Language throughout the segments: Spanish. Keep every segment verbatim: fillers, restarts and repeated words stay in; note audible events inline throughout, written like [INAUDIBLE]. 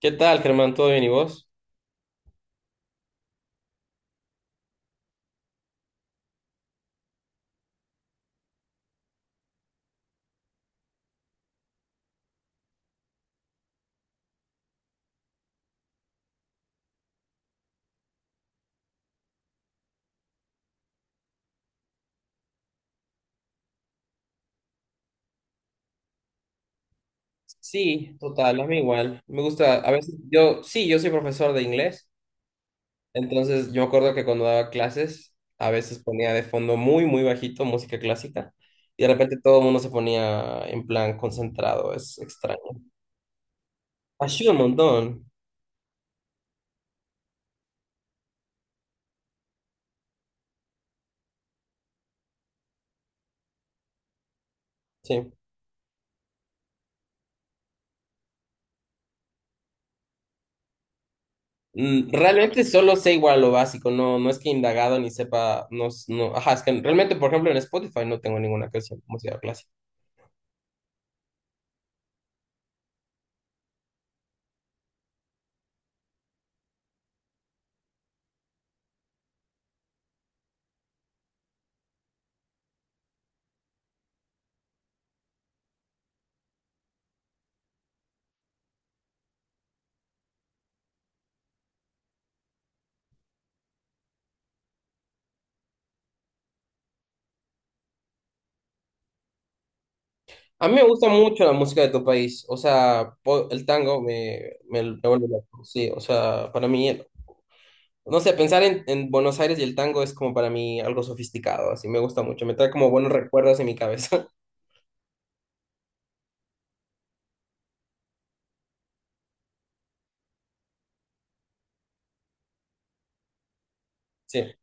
¿Qué tal, Germán? ¿Todo bien y vos? Sí, total, a mí igual. Me gusta, a veces yo, sí, yo soy profesor de inglés, entonces yo me acuerdo que cuando daba clases, a veces ponía de fondo muy, muy bajito música clásica y de repente todo el mundo se ponía en plan concentrado, es extraño. Ayuda un montón, sí. Mm, Realmente solo sé igual lo básico, no, no es que he indagado ni sepa, no, s- no, ajá, es que realmente, por ejemplo, en Spotify no tengo ninguna canción de música clásica. A mí me gusta mucho la música de tu país, o sea, po- el tango me, me, me vuelve loco, sí, o sea, para mí, no sé, pensar en, en, Buenos Aires y el tango es como para mí algo sofisticado, así me gusta mucho, me trae como buenos recuerdos en mi cabeza, [LAUGHS] sí.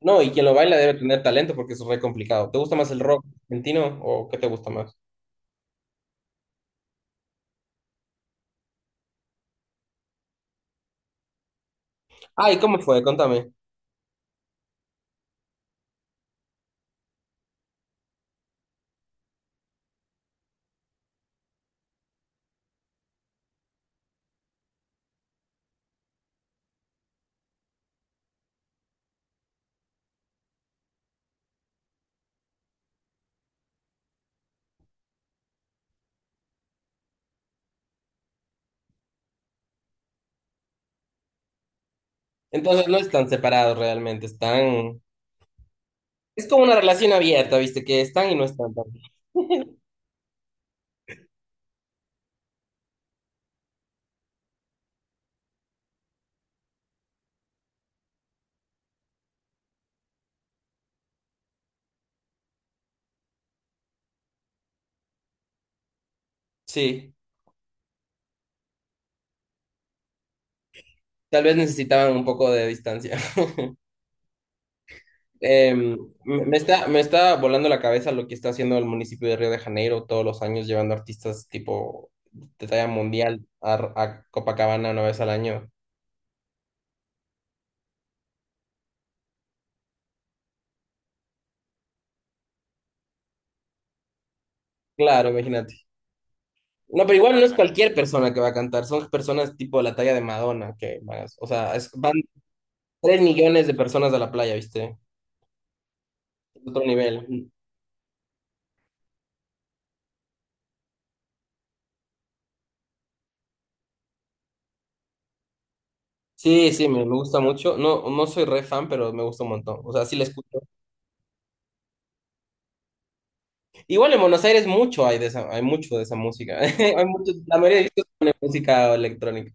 No, y quien lo baila debe tener talento porque es re complicado. ¿Te gusta más el rock argentino o qué te gusta más? Ah, ¿y cómo fue? Contame. Entonces no están separados realmente, están. Es como una relación abierta, ¿viste? Que están y no están también. Sí, tal vez necesitaban un poco de distancia. [LAUGHS] Em, me está, me está volando la cabeza lo que está haciendo el municipio de Río de Janeiro todos los años, llevando artistas tipo de talla mundial a, R- a Copacabana una vez al año. Claro, imagínate. No, pero igual no es cualquier persona que va a cantar, son personas tipo de la talla de Madonna, que, van o sea, es- van tres millones de personas a la playa, ¿viste? Otro nivel. Sí, sí, me, me gusta mucho. No, no soy re fan, pero me gusta un montón. O sea, sí la escucho. Igual en Buenos Aires mucho hay de esa, hay mucho de esa música. [LAUGHS] Hay mucho, la mayoría de discos ponen música electrónica.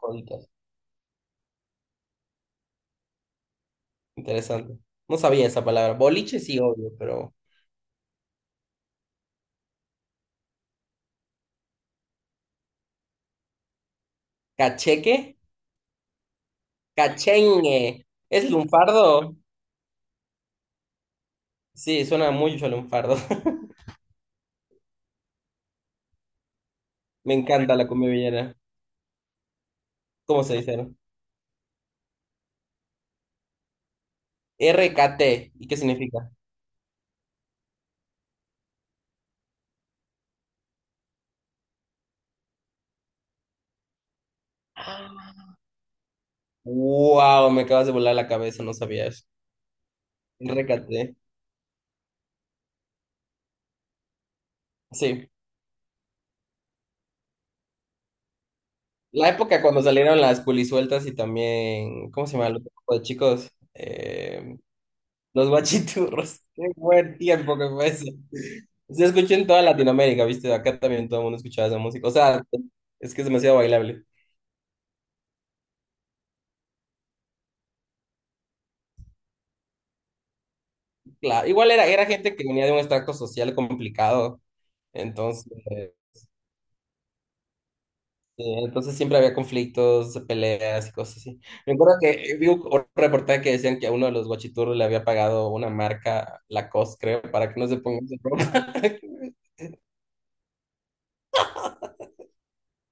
Joditas. Interesante. No sabía esa palabra. Boliche sí, obvio, pero cacheque, cachengue. ¿Es lunfardo? Sí, suena mucho a lunfardo. [LAUGHS] Me encanta la cumbia villera. ¿Cómo se dice? ¿No? R K T. ¿Y qué significa? Wow, me acabas de volar la cabeza, no sabía eso. R K T. Sí. La época cuando salieron las pulisueltas y también, ¿cómo se llama? el otro grupo de chicos, Eh, los guachiturros. [LAUGHS] Qué buen tiempo que fue eso. Se escuchó en toda Latinoamérica, ¿viste? Acá también todo el mundo escuchaba esa música. O sea, es que es demasiado bailable. Claro, igual era, era gente que venía de un extracto social complicado. Entonces, sí, entonces siempre había conflictos, peleas y cosas así. Me acuerdo que eh, vi un un reportaje que decían que a uno de los guachiturros le había pagado una marca, Lacoste, creo, para que no se ponga su ropa. [LAUGHS]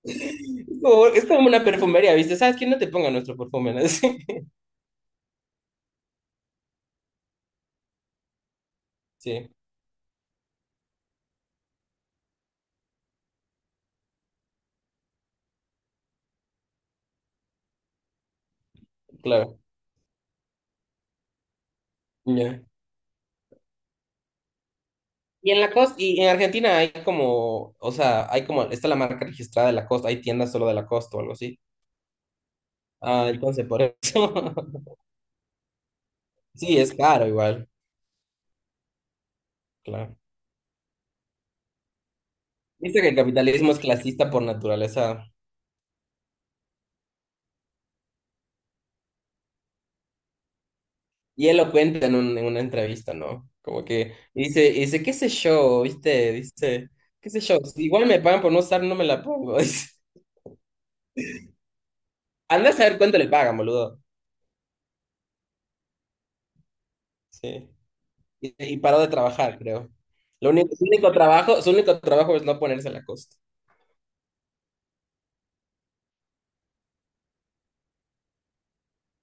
Es como, es como una perfumería, ¿viste? ¿Sabes quién no te ponga nuestro perfume? ¿No? [LAUGHS] Sí, sí, claro. Ya. Y en Lacoste, y en Argentina hay como, o sea, hay como, está la marca registrada de Lacoste, hay tiendas solo de Lacoste o algo así. Ah, entonces por eso. [LAUGHS] Sí, es caro igual, claro. Dice que el capitalismo es clasista por naturaleza. Y él lo cuenta en, un- en una entrevista, ¿no? Como que y dice, y dice, qué sé yo, ¿viste? Dice, qué sé yo, si igual me pagan por no usar, no me la pongo. [LAUGHS] Dice, anda a saber cuánto le pagan, boludo. Sí. Y, y paró de trabajar, creo. Lo único, su único trabajo, su único trabajo es no ponerse la costa.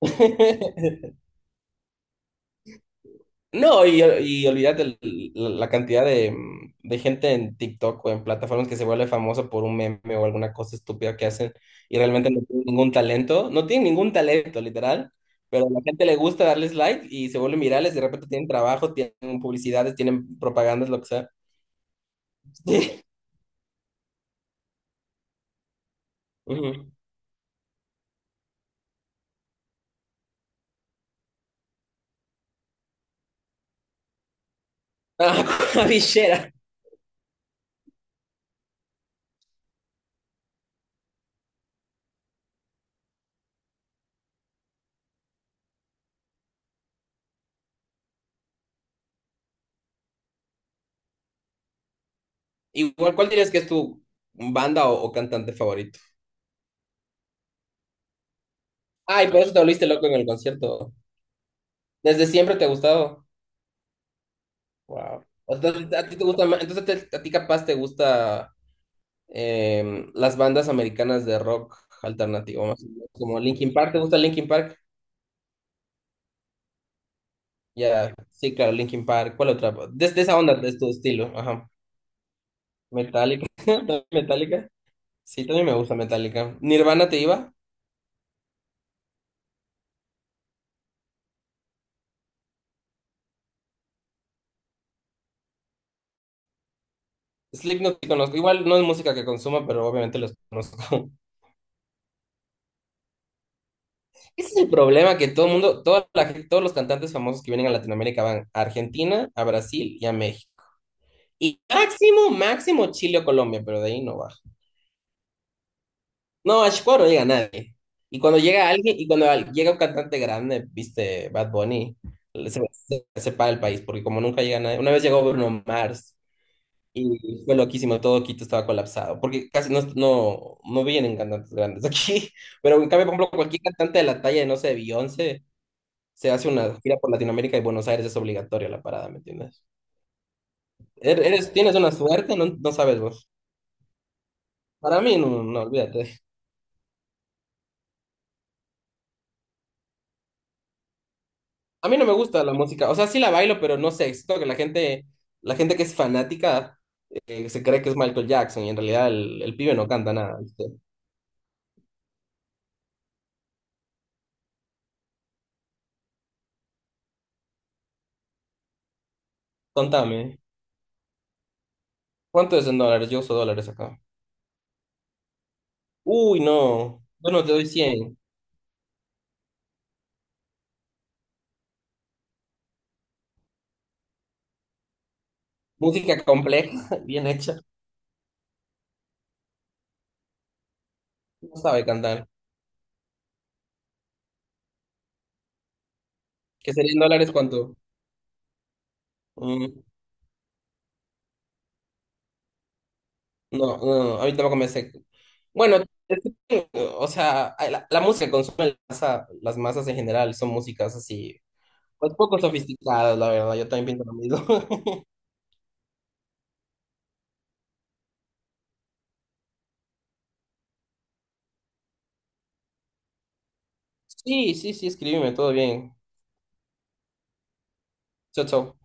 [LAUGHS] No, y, y olvídate el- la la cantidad de, mm, de gente en TikTok o en plataformas que se vuelve famosa por un meme o alguna cosa estúpida que hacen y realmente no tienen ningún talento, no tienen ningún talento, literal, pero a la gente le gusta darles like y se vuelven virales, de repente tienen trabajo, tienen publicidades, tienen propagandas, lo que sea. [LAUGHS] Ujú. Ah, [LAUGHS] Avishera. Igual, ¿cuál dirías que es tu banda o, o cantante favorito? Ay, por eso te volviste loco en el concierto. ¿Desde siempre te ha gustado? Wow. O sea, entonces, a ti te gusta más, entonces te- a ti capaz te gusta em, las bandas americanas de rock alternativo, más o menos, como Linkin Park, ¿te gusta Linkin Park? Ya, sí, claro, Linkin Park, ¿cuál otra? De, de esa onda, de tu estilo, ajá. Metallica, [LAUGHS] ¿también Metallica, sí, también me gusta Metallica. ¿Nirvana te iba? Slipknot te conozco, igual no es música que consuma, pero obviamente los conozco. [LAUGHS] Ese es el problema que todo el mundo, toda la, gen- todos los cantantes famosos que vienen a Latinoamérica van a Argentina, a Brasil y a México. Y máximo, máximo Chile o Colombia, pero de ahí no baja. No, a Chicago no llega nadie. Y cuando llega alguien, y cuando al- llega un cantante grande, viste, Bad Bunny, se, se separa el país, porque como nunca llega nadie. Una vez llegó Bruno Mars y fue loquísimo, todo Quito estaba colapsado, porque casi no, no, no vienen cantantes grandes aquí. [LAUGHS] Pero en cambio, por ejemplo, cualquier cantante de la talla de, no sé, Beyoncé, se hace una gira por Latinoamérica y Buenos Aires es obligatoria la parada, ¿me entiendes? Er- Eres, tienes una suerte, no, no sabes vos. Para mí, no, no, olvídate. A mí no me gusta la música, o sea, sí la bailo, pero no sé, siento que la gente, la gente que es fanática eh, se cree que es Michael Jackson y en realidad el, el pibe no canta nada, ¿viste? Contame, ¿cuánto es en dólares? Yo uso dólares acá. Uy, no, yo no te doy cien. Música compleja, [LAUGHS] bien hecha, no sabe cantar. ¿Qué sería en dólares cuánto? Mm, no, no, a mí tampoco me sé. Bueno, es que, o sea, la, la música que consume la masa- las masas en general son músicas así. Pues poco sofisticados, la verdad, yo también pienso lo mismo. [LAUGHS] Sí, sí, sí, escríbeme, todo bien. Chao, chao.